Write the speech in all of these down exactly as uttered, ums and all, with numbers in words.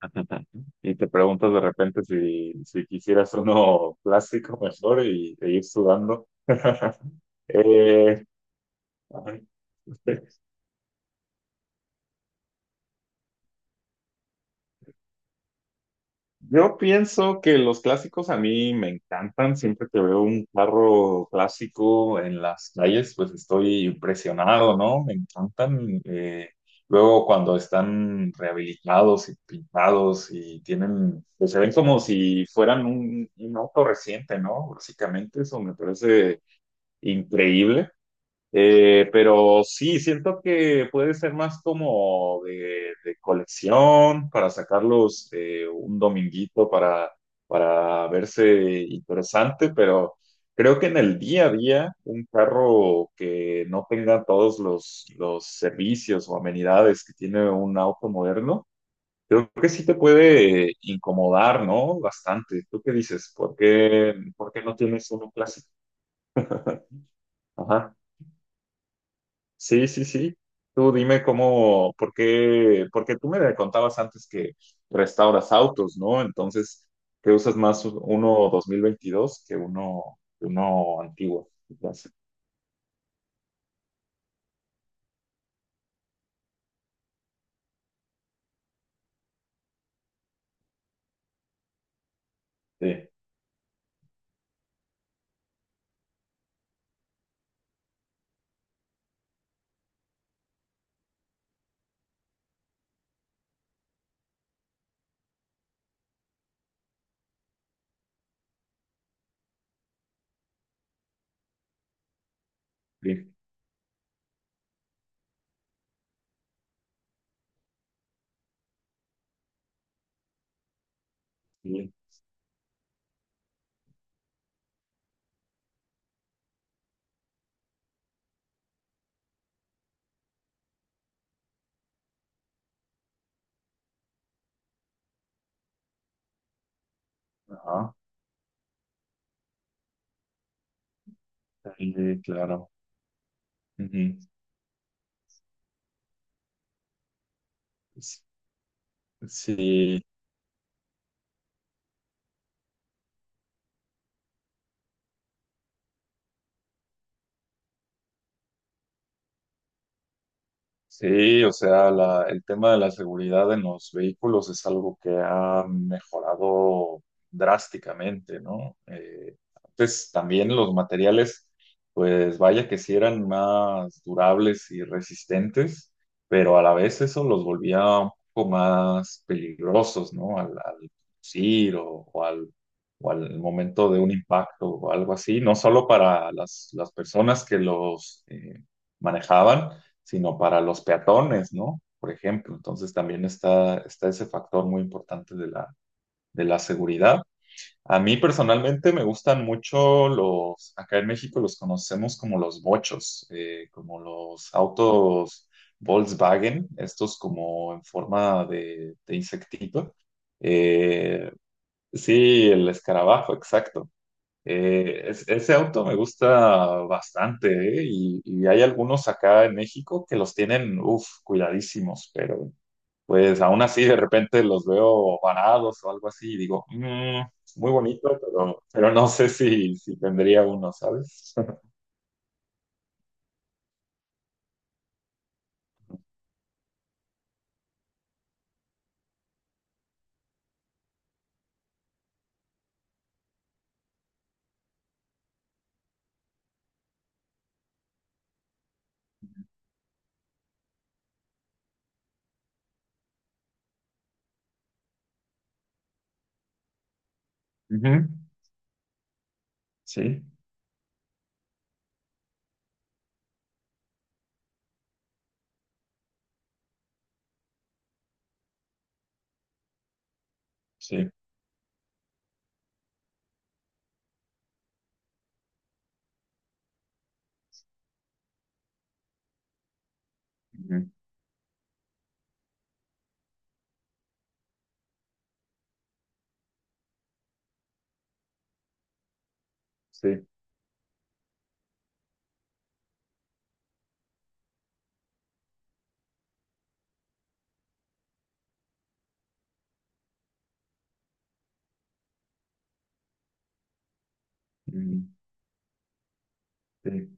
Ajá. Y te preguntas de repente si, si quisieras uno plástico mejor y e ir sudando. Eh, ay, yo pienso que los clásicos a mí me encantan. Siempre que veo un carro clásico en las calles, pues estoy impresionado, ¿no? Me encantan. Eh, luego cuando están rehabilitados y pintados y tienen, pues se ven como si fueran un, un auto reciente, ¿no? Básicamente eso me parece increíble. Eh, pero sí, siento que puede ser más como de, de colección para sacarlos eh, un dominguito para, para verse interesante, pero creo que en el día a día un carro que no tenga todos los, los servicios o amenidades que tiene un auto moderno, creo que sí te puede incomodar, ¿no? Bastante. ¿Tú qué dices? ¿Por qué, por qué no tienes uno clásico? Sí, sí, sí. Tú dime cómo, por qué, porque tú me contabas antes que restauras autos, ¿no? Entonces, ¿qué usas más uno dos mil veintidós que uno, uno antiguo? Entonces, sí, sí, sí. Ajá. Sí, claro. Ujú. Sí, sí, o sea, la- el tema de la seguridad en los vehículos es algo que ha mejorado drásticamente, ¿no? Eh, antes también los materiales, pues vaya que sí eran más durables y resistentes, pero a la vez eso los volvía un poco más peligrosos, ¿no? Al, al conducir o, o al, o al momento de un impacto o algo así, no solo para las, las personas que los eh, manejaban, sino para los peatones, ¿no? Por ejemplo, entonces también está, está ese factor muy importante de la, de la seguridad. A mí personalmente me gustan mucho los, acá en México los conocemos como los bochos, eh, como los autos Volkswagen, estos como en forma de, de insectito. Eh, sí, el escarabajo, exacto. Eh, es- ese auto me gusta bastante, ¿eh? Y, y hay algunos acá en México que los tienen, uff, cuidadísimos, pero pues aún así de repente los veo varados o algo así y digo, "Mm, muy bonito, pero, pero no sé si, si tendría uno, ¿sabes?" Ujú, sí, sí, ujú, sí, mm, sí.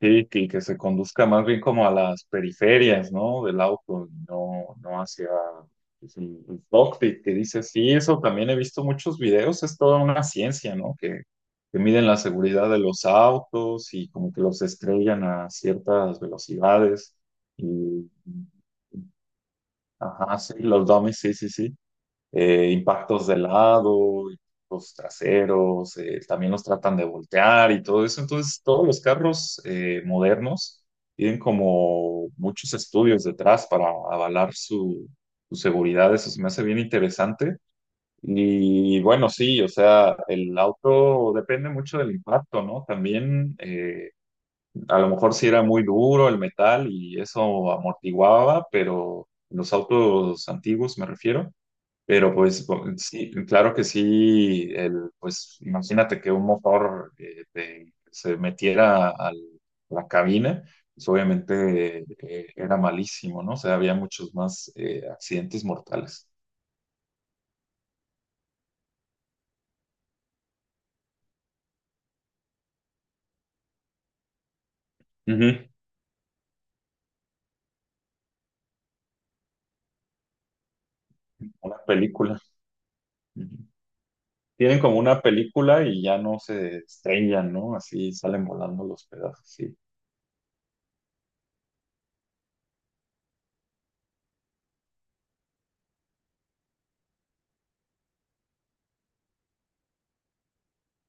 Sí, que, que se conduzca más bien como a las periferias, ¿no? Del auto, y no, no hacia pues, el, el cockpit, que dice, sí, eso también he visto muchos videos, es toda una ciencia, ¿no? Que, que miden la seguridad de los autos y como que los estrellan a ciertas velocidades. Y, ajá, sí, los dummies, sí, sí, sí, eh, impactos de lado, los traseros, eh, también los tratan de voltear y todo eso. Entonces, todos los carros eh, modernos tienen como muchos estudios detrás para avalar su, su seguridad. Eso se me hace bien interesante. Y bueno, sí, o sea, el auto depende mucho del impacto, ¿no? También eh, a lo mejor sí era muy duro el metal y eso amortiguaba, pero los autos antiguos me refiero, pero pues bo- sí, claro que sí, el, pues imagínate que un motor eh, te- se metiera al- a la cabina, pues obviamente eh, eh, era malísimo, ¿no? O sea, había muchos más eh, accidentes mortales. Ujú. Una película. Ujú. Tienen como una película y ya no se estrellan, ¿no? Así salen volando los pedazos, sí.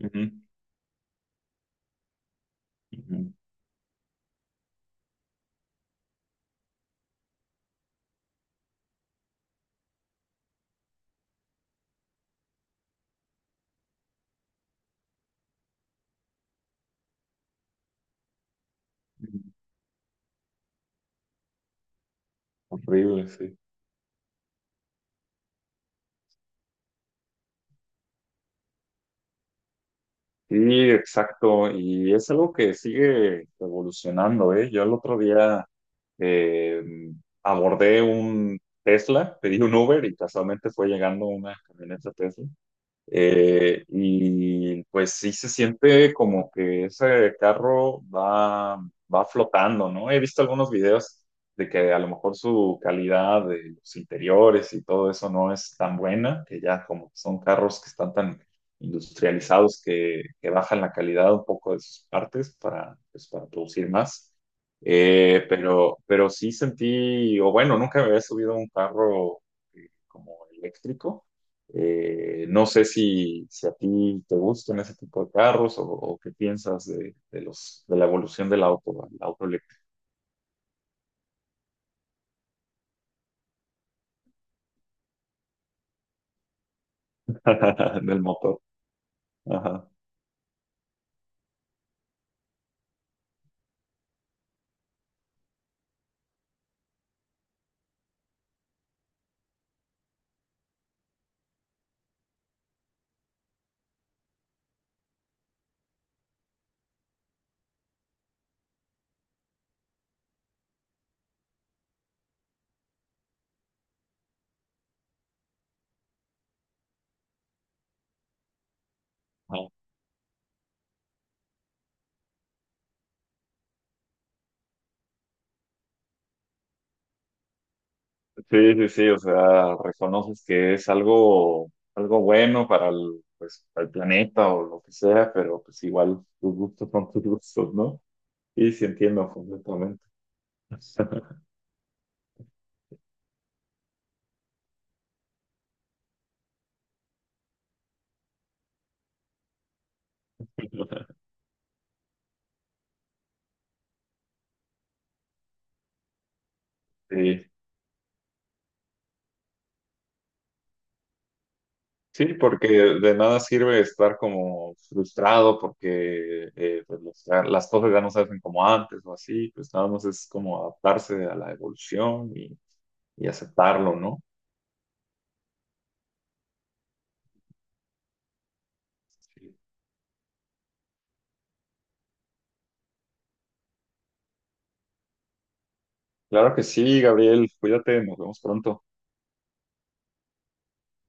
Ujú, ujú, ujú. Horrible, sí. Sí, exacto, y es algo que sigue evolucionando, ¿eh? Yo el otro día eh, abordé un Tesla, pedí un Uber y casualmente fue llegando una camioneta Tesla. Eh, y pues sí se siente como que ese carro va, va flotando, ¿no? He visto algunos videos de que a lo mejor su calidad de los interiores y todo eso no es tan buena, que ya como que son carros que están tan industrializados que, que bajan la calidad un poco de sus partes para, pues, para producir más. Eh, pero, pero sí sentí, o bueno, nunca me había subido a un carro eh, como eléctrico, eh, no sé si, si a ti te gustan ese tipo de carros o, o qué piensas de, de los, de la evolución del auto, el auto eléctrico, del motor. Ajá. Ajá. Sí, sí, sí, o sea, reconoces que es algo, algo bueno para el, pues, para el planeta o lo que sea, pero pues igual tus gustos son tus gustos, ¿no? Y sí entiendo completamente. Sí. Sí, porque de nada sirve estar como frustrado porque eh, pues, los- ah, las cosas ya no se hacen como antes o así, pues nada más es como adaptarse a la evolución y, y aceptarlo, ¿no? Sí. Claro que sí, Gabriel, cuídate, nos vemos pronto.